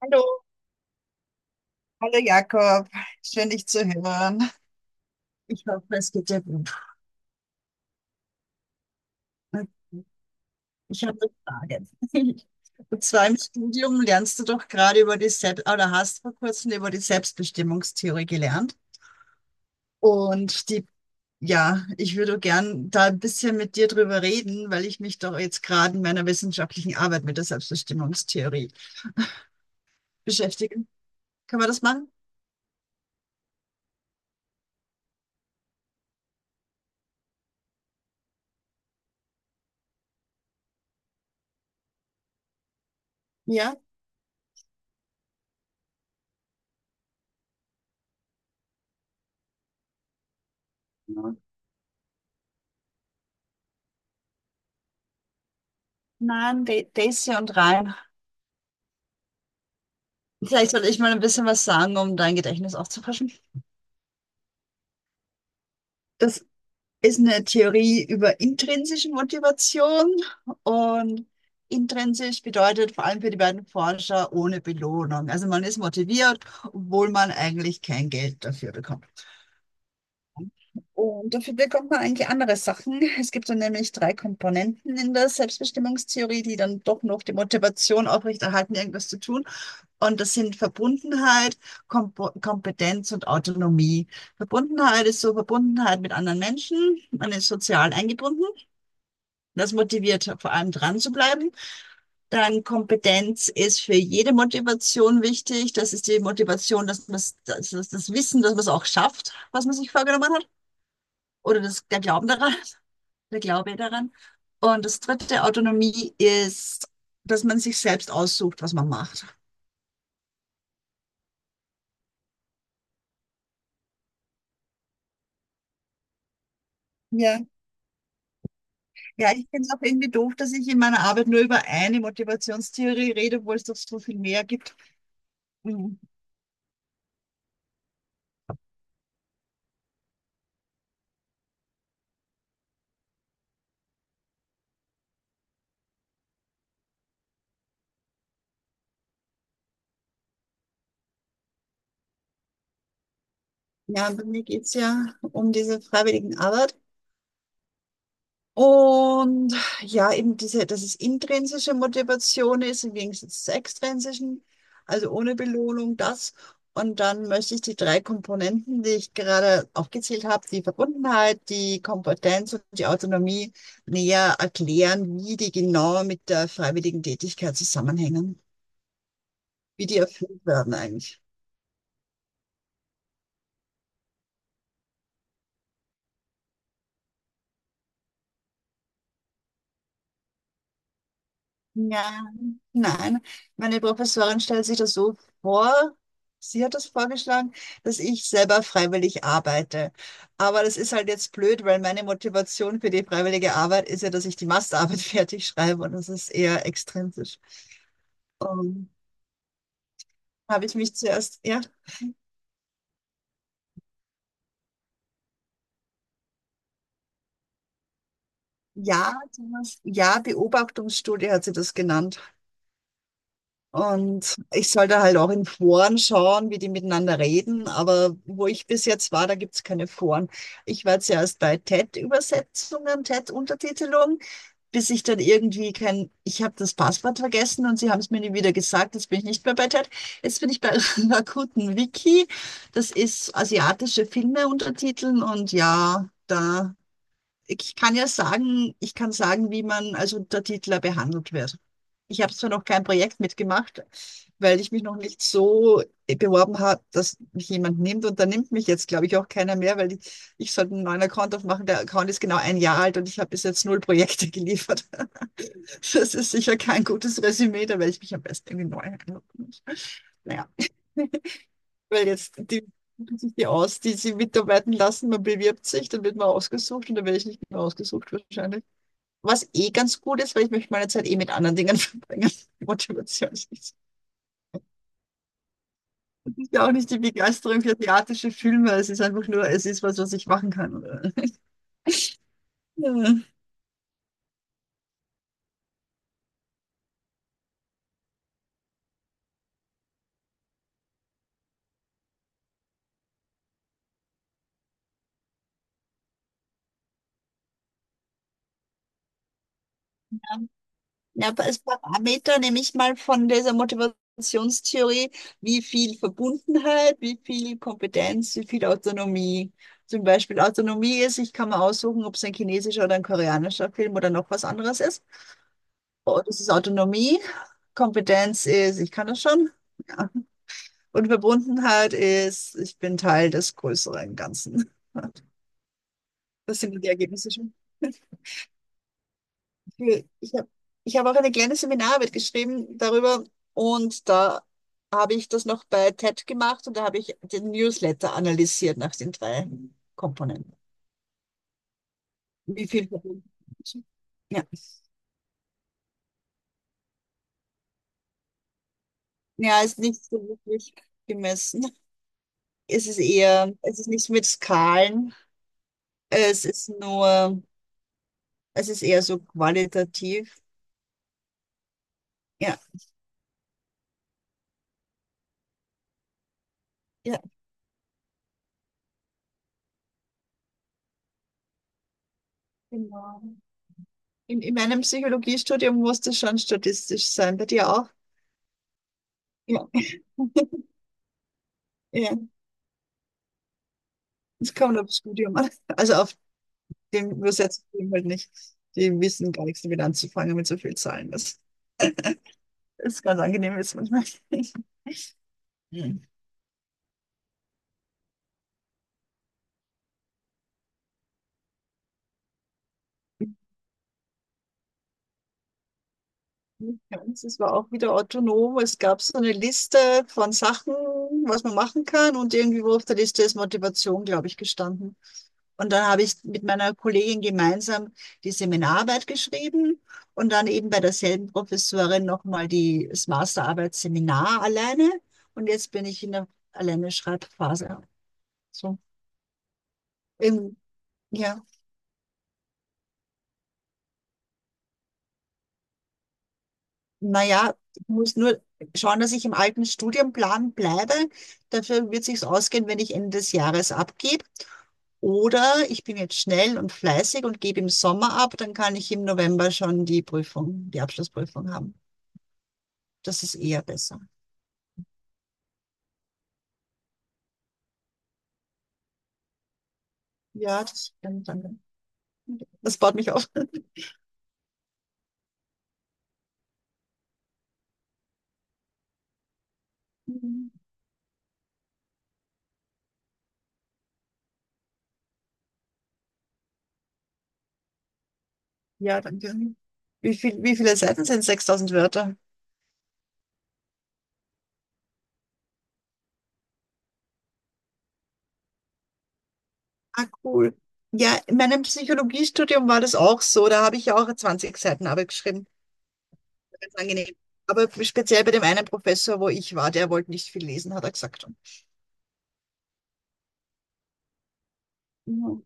Hallo, hallo Jakob, schön dich zu hören. Ich hoffe, es geht dir gut. Ich habe eine Frage. Und zwar im Studium lernst du doch gerade über die Selbst oder hast vor kurzem über die Selbstbestimmungstheorie gelernt. Und die, ja, ich würde gern da ein bisschen mit dir drüber reden, weil ich mich doch jetzt gerade in meiner wissenschaftlichen Arbeit mit der Selbstbestimmungstheorie beschäftige. Können wir das machen? Ja? Ja. Nein, Daisy und Ryan. Vielleicht sollte ich mal ein bisschen was sagen, um dein Gedächtnis aufzufrischen. Das ist eine Theorie über intrinsische Motivation und intrinsisch bedeutet vor allem für die beiden Forscher ohne Belohnung. Also man ist motiviert, obwohl man eigentlich kein Geld dafür bekommt. Und dafür bekommt man eigentlich andere Sachen. Es gibt dann nämlich drei Komponenten in der Selbstbestimmungstheorie, die dann doch noch die Motivation aufrechterhalten, irgendwas zu tun. Und das sind Verbundenheit, Kompetenz und Autonomie. Verbundenheit ist so Verbundenheit mit anderen Menschen. Man ist sozial eingebunden. Das motiviert vor allem dran zu bleiben. Dann Kompetenz ist für jede Motivation wichtig. Das ist die Motivation, dass man das, das Wissen, dass man es auch schafft, was man sich vorgenommen hat. Oder das, der Glauben daran, der Glaube daran. Und das dritte, Autonomie, ist, dass man sich selbst aussucht, was man macht. Ja. Ja, ich finde es auch irgendwie doof, dass ich in meiner Arbeit nur über eine Motivationstheorie rede, obwohl es doch so viel mehr gibt. Mhm. Ja, bei mir geht es ja um diese freiwilligen Arbeit. Und ja, eben diese, dass es intrinsische Motivation ist im Gegensatz zur extrinsischen, also ohne Belohnung, das. Und dann möchte ich die drei Komponenten, die ich gerade aufgezählt habe, die Verbundenheit, die Kompetenz und die Autonomie, näher erklären, wie die genau mit der freiwilligen Tätigkeit zusammenhängen. Wie die erfüllt werden eigentlich. Ja. Nein, meine Professorin stellt sich das so vor, sie hat das vorgeschlagen, dass ich selber freiwillig arbeite. Aber das ist halt jetzt blöd, weil meine Motivation für die freiwillige Arbeit ist ja, dass ich die Masterarbeit fertig schreibe und das ist eher extrinsisch. Und habe ich mich zuerst, ja, ja, ja, Beobachtungsstudie hat sie das genannt. Und ich sollte halt auch in Foren schauen, wie die miteinander reden. Aber wo ich bis jetzt war, da gibt's keine Foren. Ich war zuerst bei TED-Übersetzungen, TED-Untertitelung, bis ich dann irgendwie kein, ich habe das Passwort vergessen und sie haben es mir nie wieder gesagt. Jetzt bin ich nicht mehr bei TED. Jetzt bin ich bei Rakuten Wiki. Das ist asiatische Filme untertiteln und ja, da ich kann ja sagen, ich kann sagen, wie man als Untertitler behandelt wird. Ich habe zwar noch kein Projekt mitgemacht, weil ich mich noch nicht so beworben habe, dass mich jemand nimmt. Und da nimmt mich jetzt, glaube ich, auch keiner mehr, weil ich sollte einen neuen Account aufmachen. Der Account ist genau ein Jahr alt und ich habe bis jetzt null Projekte geliefert. Das ist sicher kein gutes Resümee, da werde ich mich am besten irgendwie neu einloggen. Naja, weil jetzt die suchen sich die aus, die sie mitarbeiten lassen. Man bewirbt sich, dann wird man ausgesucht und dann werde ich nicht mehr ausgesucht wahrscheinlich. Was eh ganz gut ist, weil ich möchte meine Zeit eh mit anderen Dingen verbringen. Motivation ist nicht- ist ja auch nicht die Begeisterung für asiatische Filme. Es ist einfach nur, es ist was, was ich machen kann. Oder? Ja. Ja, aber als Parameter nehme ich mal von dieser Motivationstheorie, wie viel Verbundenheit, wie viel Kompetenz, wie viel Autonomie. Zum Beispiel Autonomie ist, ich kann mir aussuchen, ob es ein chinesischer oder ein koreanischer Film oder noch was anderes ist. Oh, das ist Autonomie. Kompetenz ist, ich kann das schon. Ja. Und Verbundenheit ist, ich bin Teil des größeren Ganzen. Das sind die Ergebnisse schon. Ich habe ich hab auch eine kleine Seminararbeit geschrieben darüber und da habe ich das noch bei TED gemacht und da habe ich den Newsletter analysiert nach den drei Komponenten. Wie viel Verbundenheit? Ja. Ja, ist nicht so wirklich gemessen. Es ist eher, es ist nicht mit Skalen, es ist nur, es ist eher so qualitativ. Ja, ja. Genau. In meinem Psychologiestudium musste schon statistisch sein. Bei dir auch? Ja, ja. Es kommt aufs Studium an. Also auf dem Übersetzungsstudium halt nicht. Die wissen gar nichts damit anzufangen mit so viel Zahlen. Das ist ganz angenehm jetzt manchmal. Mhm. Ja, es war auch wieder autonom. Es gab so eine Liste von Sachen, was man machen kann. Und irgendwo auf der Liste ist Motivation, glaube ich, gestanden. Und dann habe ich mit meiner Kollegin gemeinsam die Seminararbeit geschrieben und dann eben bei derselben Professorin nochmal die, das Masterarbeitsseminar alleine. Und jetzt bin ich in der alleine Schreibphase. So. Ähm, ja, naja, ich muss nur schauen, dass ich im alten Studienplan bleibe. Dafür wird sich's ausgehen, wenn ich Ende des Jahres abgebe. Oder ich bin jetzt schnell und fleißig und gebe im Sommer ab, dann kann ich im November schon die Prüfung, die Abschlussprüfung haben. Das ist eher besser. Ja, das stimmt. Danke. Das baut mich auf. Ja, danke. Wie viele Seiten sind 6000 Wörter? Ah, cool. Ja, in meinem Psychologiestudium war das auch so. Da habe ich ja auch 20 Seiten Arbeit geschrieben. Ganz angenehm. Aber speziell bei dem einen Professor, wo ich war, der wollte nicht viel lesen, hat er gesagt. Mhm.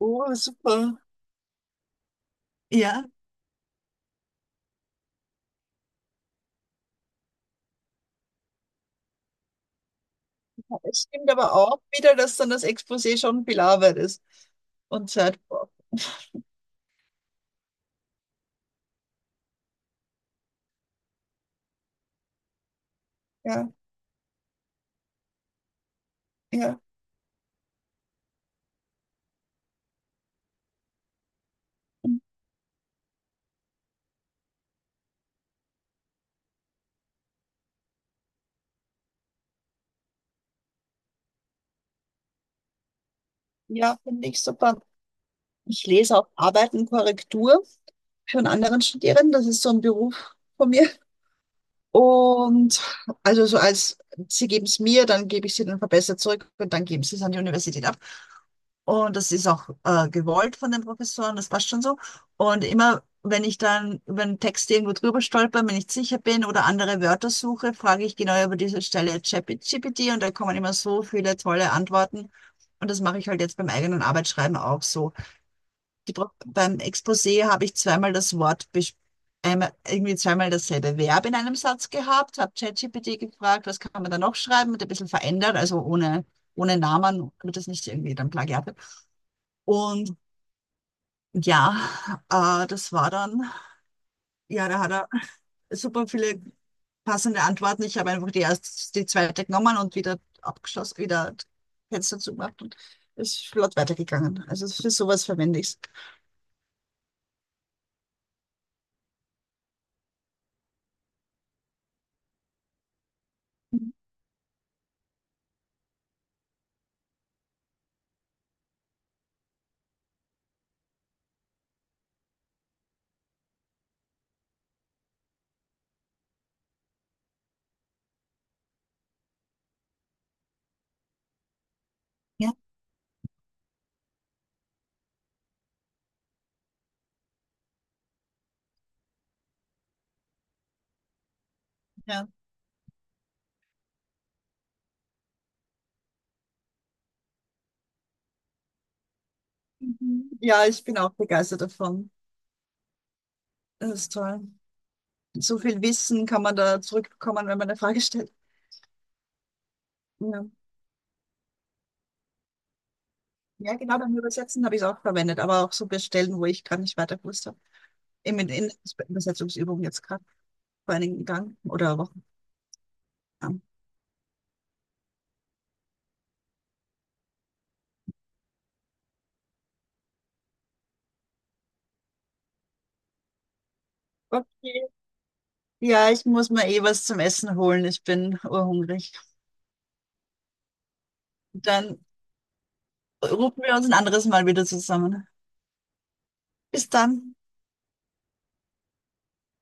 Oh, super. Ja, es stimmt aber auch wieder, dass dann das Exposé schon viel Arbeit ist und Zeit braucht. Ja, ja. Ja, finde ich super. Ich lese auch Arbeit und Korrektur für einen anderen Studierenden. Das ist so ein Beruf von mir. Und also so als, sie geben es mir, dann gebe ich sie dann verbessert zurück und dann geben sie es an die Universität ab. Und das ist auch gewollt von den Professoren, das passt schon so. Und immer, wenn ich dann über einen Text irgendwo drüber stolper, wenn ich nicht sicher bin oder andere Wörter suche, frage ich genau über diese Stelle ChatGPT und da kommen immer so viele tolle Antworten. Und das mache ich halt jetzt beim eigenen Arbeitsschreiben auch so. Beim Exposé habe ich zweimal das Wort, einmal, irgendwie zweimal dasselbe Verb in einem Satz gehabt, habe ChatGPT gefragt, was kann man da noch schreiben und ein bisschen verändert, also ohne, ohne Namen, damit das nicht irgendwie dann Plagiat wird. Und ja, das war dann, ja, da hat er super viele passende Antworten. Ich habe einfach die zweite genommen und wieder abgeschlossen, wieder Fenster zugemacht und ist flott weitergegangen. Also für sowas verwende ich es. Ja. Ja. Mhm. Ja, ich bin auch begeistert davon. Das ist toll. So viel Wissen kann man da zurückbekommen, wenn man eine Frage stellt. Ja, ja genau, beim Übersetzen habe ich es auch verwendet, aber auch so bei Stellen, wo ich gerade nicht weiter gewusst habe. In Übersetzungsübung jetzt gerade vor einigen Tagen oder Wochen. Ja. Okay. Ja, ich muss mir eh was zum Essen holen. Ich bin urhungrig. Dann rufen wir uns ein anderes Mal wieder zusammen. Bis dann.